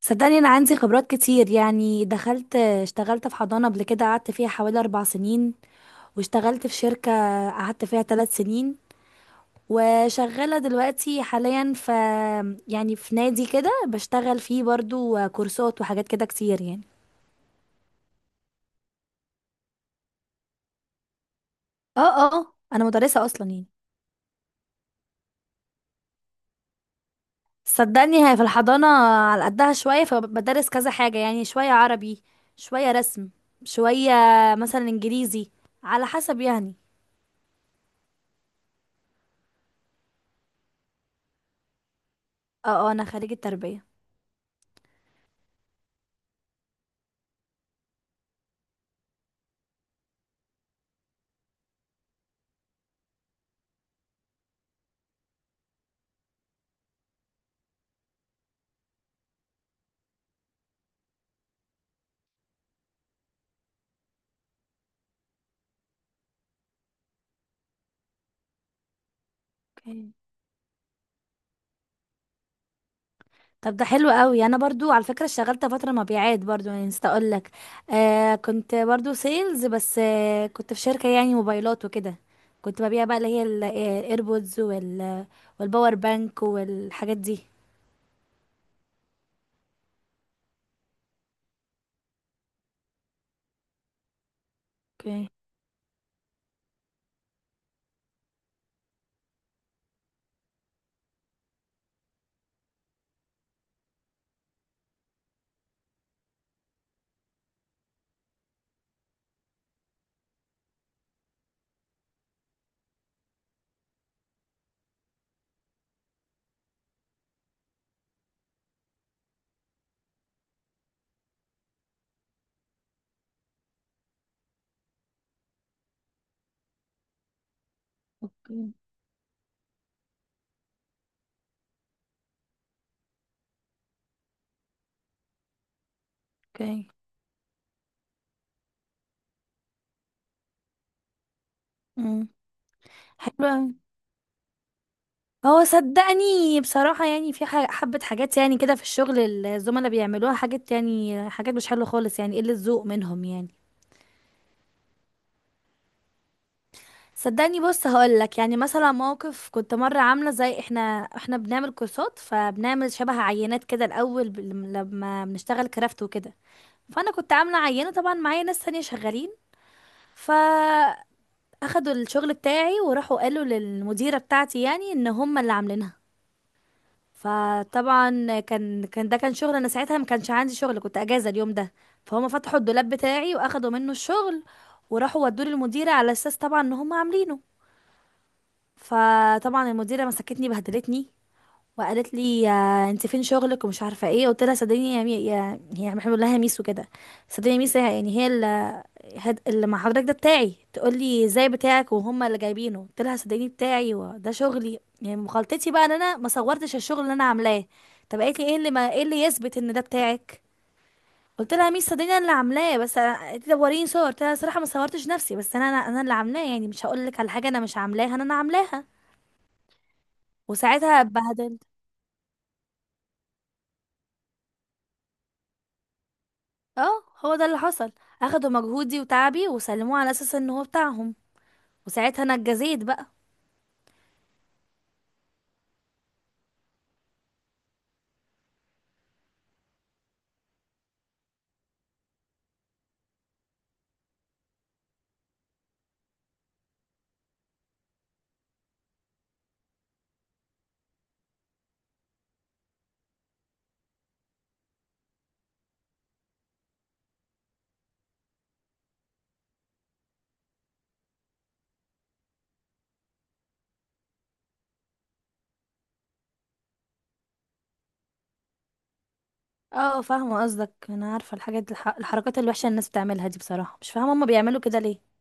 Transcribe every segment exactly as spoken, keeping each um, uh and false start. صدقني، انا عندي خبرات كتير، يعني دخلت اشتغلت في حضانة قبل كده، قعدت فيها حوالي اربع سنين، واشتغلت في شركة قعدت فيها ثلاث سنين، وشغالة دلوقتي حاليا في، يعني في نادي كده بشتغل فيه برضو كورسات وحاجات كده كتير يعني. اه اه، انا مدرسة اصلا يعني. صدقني هي في الحضانة على قدها شوية، فبدرس كذا حاجة، يعني شوية عربي، شوية رسم، شوية مثلا انجليزي، على حسب يعني. اه اه، انا خريجة تربية. اوكي. طب ده حلو قوي، انا برضو على فكره اشتغلت فتره مبيعات برضو، يعني نسيت اقول لك. آه كنت برضو سيلز، بس آه كنت في شركه، يعني موبايلات وكده، كنت ببيع بقى اللي هي الايربودز وال، والباور بانك والحاجات دي. اوكي اوكي. امم حلو قوي. هو صدقني بصراحه، يعني في ح- حبه حاجات يعني كده في الشغل، الزملاء بيعملوها حاجات، يعني حاجات مش حلوه خالص، يعني قله ذوق منهم يعني. صدقني بص هقولك، يعني مثلا موقف كنت مرة عاملة، زي احنا احنا بنعمل كورسات، فبنعمل شبه عينات كده الأول، ب- لما بنشتغل كرافت وكده. فأنا كنت عاملة عينة، طبعا معايا ناس تانية شغالين. فأخدوا الشغل بتاعي وراحوا قالوا للمديرة بتاعتي، يعني ان هم اللي عاملينها. فطبعا كان كان ده كان شغل، انا ساعتها ما كانش عندي شغل، كنت اجازه اليوم ده. فهم فتحوا الدولاب بتاعي واخدوا منه الشغل، وراحوا ودوه للمديره، على اساس طبعا ان هم عاملينه. فطبعا المديره مسكتني بهدلتني، وقالت لي، آه، انت فين شغلك ومش عارفه ايه. قلت لها، صدقيني يا مي... يا هي بنقول لها ميس وكده. صدقيني يا ميس، يعني هي اللي هد... اللي مع حضرتك ده بتاعي، تقول لي ازاي بتاعك وهم اللي جايبينه. قلت لها صدقيني بتاعي، وده شغلي، يعني مخالطتي بقى ان انا ما صورتش الشغل اللي انا عاملاه. طب قالت لي ايه اللي ما... ايه اللي يثبت ان ده بتاعك. قلت لها يا ميس صدقيني انا اللي عاملاه، بس أنا- قالت لي طب وريني صور. قلت لها صراحه ما صورتش نفسي، بس انا انا أنا اللي عاملاه، يعني مش هقول لك على حاجه انا مش عاملاها، انا انا عاملاها. وساعتها اتبهدلت. اه هو ده اللي حصل، اخدوا مجهودي وتعبي وسلموه على اساس ان هو بتاعهم، وساعتها انا اتجزيت بقى. اه فاهمه قصدك، انا عارفه الحاجات الح... الحركات الوحشه اللي الناس بتعملها دي، بصراحه مش فاهمه هما بيعملوا كده ليه.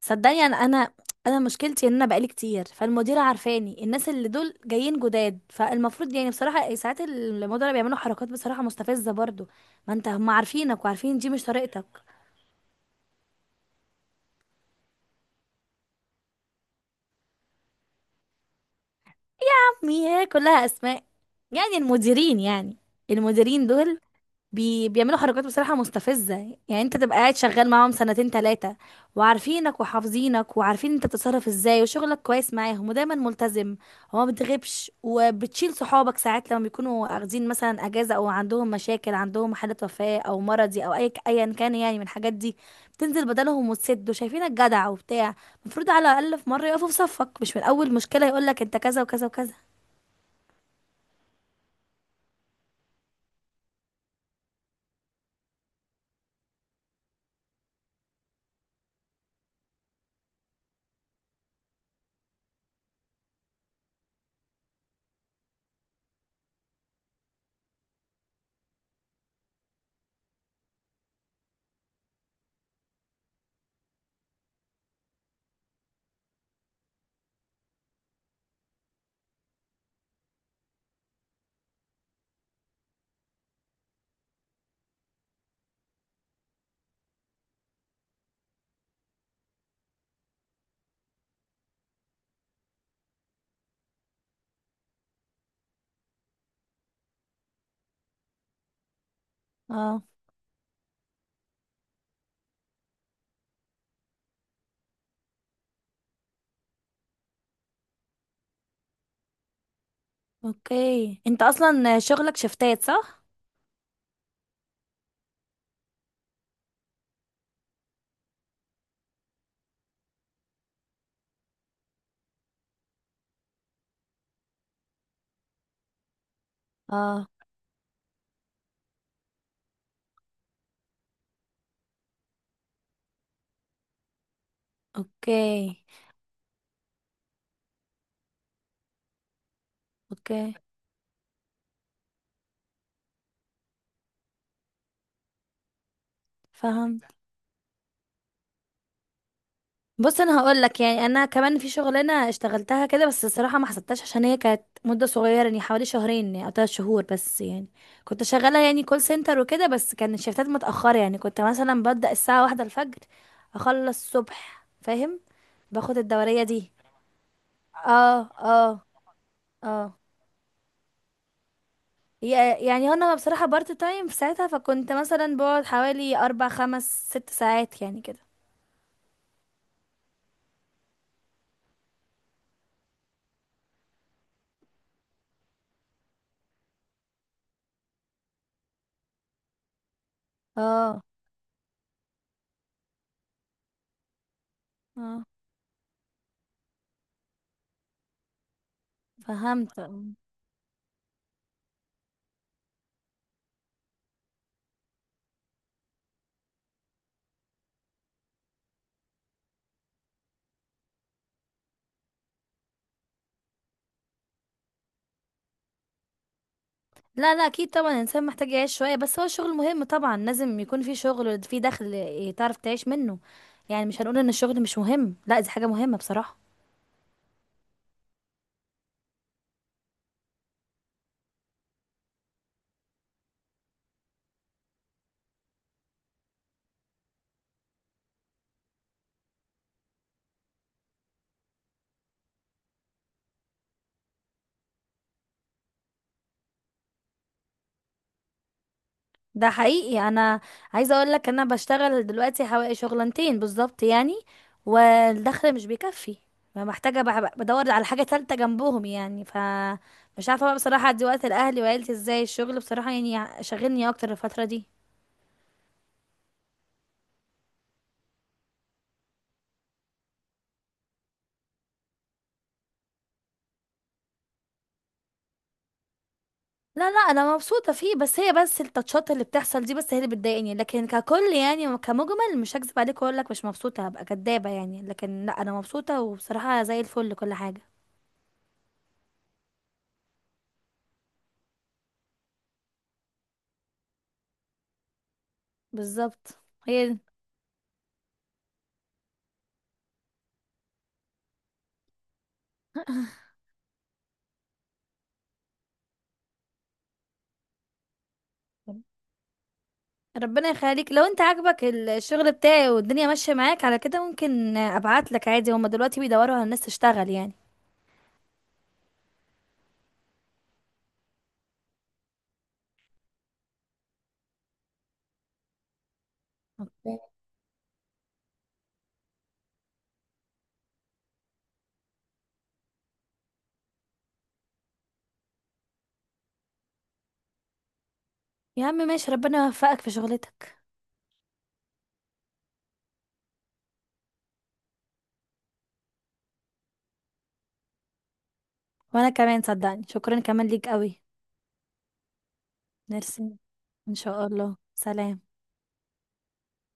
صدقني انا انا انا مشكلتي، ان انا بقالي كتير فالمديره عارفاني، الناس اللي دول جايين جداد، فالمفروض يعني بصراحه ساعات المديره بيعملوا حركات بصراحه مستفزه برضو، ما انت هم عارفينك وعارفين دي مش طريقتك. عمي هي كلها اسماء، يعني المديرين يعني، المديرين دول بي... بيعملوا حركات بصراحة مستفزة. يعني انت تبقى قاعد شغال معاهم سنتين تلاتة، وعارفينك وحافظينك وعارفين انت بتتصرف ازاي، وشغلك كويس معاهم، ودايما ملتزم، وما بتغيبش، وبتشيل صحابك ساعات لما بيكونوا اخذين مثلا اجازة، او عندهم مشاكل، عندهم حالة وفاة او مرضي او اي ايا كان يعني من الحاجات دي، بتنزل بدلهم وتسد، وشايفينك جدع وبتاع. المفروض على الاقل في مرة يقفوا في صفك، مش من اول مشكلة يقولك انت كذا وكذا وكذا. اه. اوكي، انت اصلا شغلك شفتات صح؟ اه. اوكي اوكي. فهم. بص انا هقول لك، يعني انا كمان في شغلانه اشتغلتها كده، بس الصراحه ما حسبتهاش عشان هي كانت مده صغيره يعني، حوالي شهرين يعني، او تلات شهور بس يعني، كنت شغاله يعني كول سنتر وكده، بس كان الشيفتات متاخره، يعني كنت مثلا ببدا الساعه واحدة الفجر، اخلص الصبح فاهم، باخد الدوريه دي. اه. اه. اه. يا- يعني انا بصراحه بارت تايم في ساعتها، فكنت مثلا بقعد حوالي اربع خمس ست ساعات يعني كده. اه. اه. فهمت. لا لا اكيد طبعا، الانسان محتاج يعيش شويه، بس هو الشغل مهم طبعا، لازم يكون في شغل، في دخل إيه، تعرف تعيش منه، يعني مش هنقول ان الشغل مش مهم، لا دي حاجه مهمه بصراحه. ده حقيقي، انا عايزه اقول لك انا بشتغل دلوقتي حوالي شغلانتين بالظبط يعني، والدخل مش بيكفي، فمحتاجه بقى- بدور على حاجه تالتة جنبهم يعني ف، مش عارفه بقى بصراحه ادي وقت لاهلي وعيلتي ازاي، الشغل بصراحه يعني شاغلني اكتر الفتره دي. لا لا انا مبسوطه فيه، بس هي بس التاتشات اللي بتحصل دي بس هي اللي بتضايقني، لكن ككل يعني كمجمل مش هكذب عليك واقول لك مش مبسوطه هبقى كدابه يعني، لكن لا انا مبسوطه وبصراحه زي الفل كل حاجه. بالظبط. هي. ربنا يخليك، لو انت عاجبك ال- الشغل بتاعي والدنيا ماشيه معاك على كده ممكن ابعت لك عادي، هما دلوقتي بيدوروا على الناس تشتغل يعني. يا عم ماشي، ربنا يوفقك في شغلتك. وانا كمان صدقني، شكرا كمان ليك قوي. ميرسي. ان شاء الله، سلام.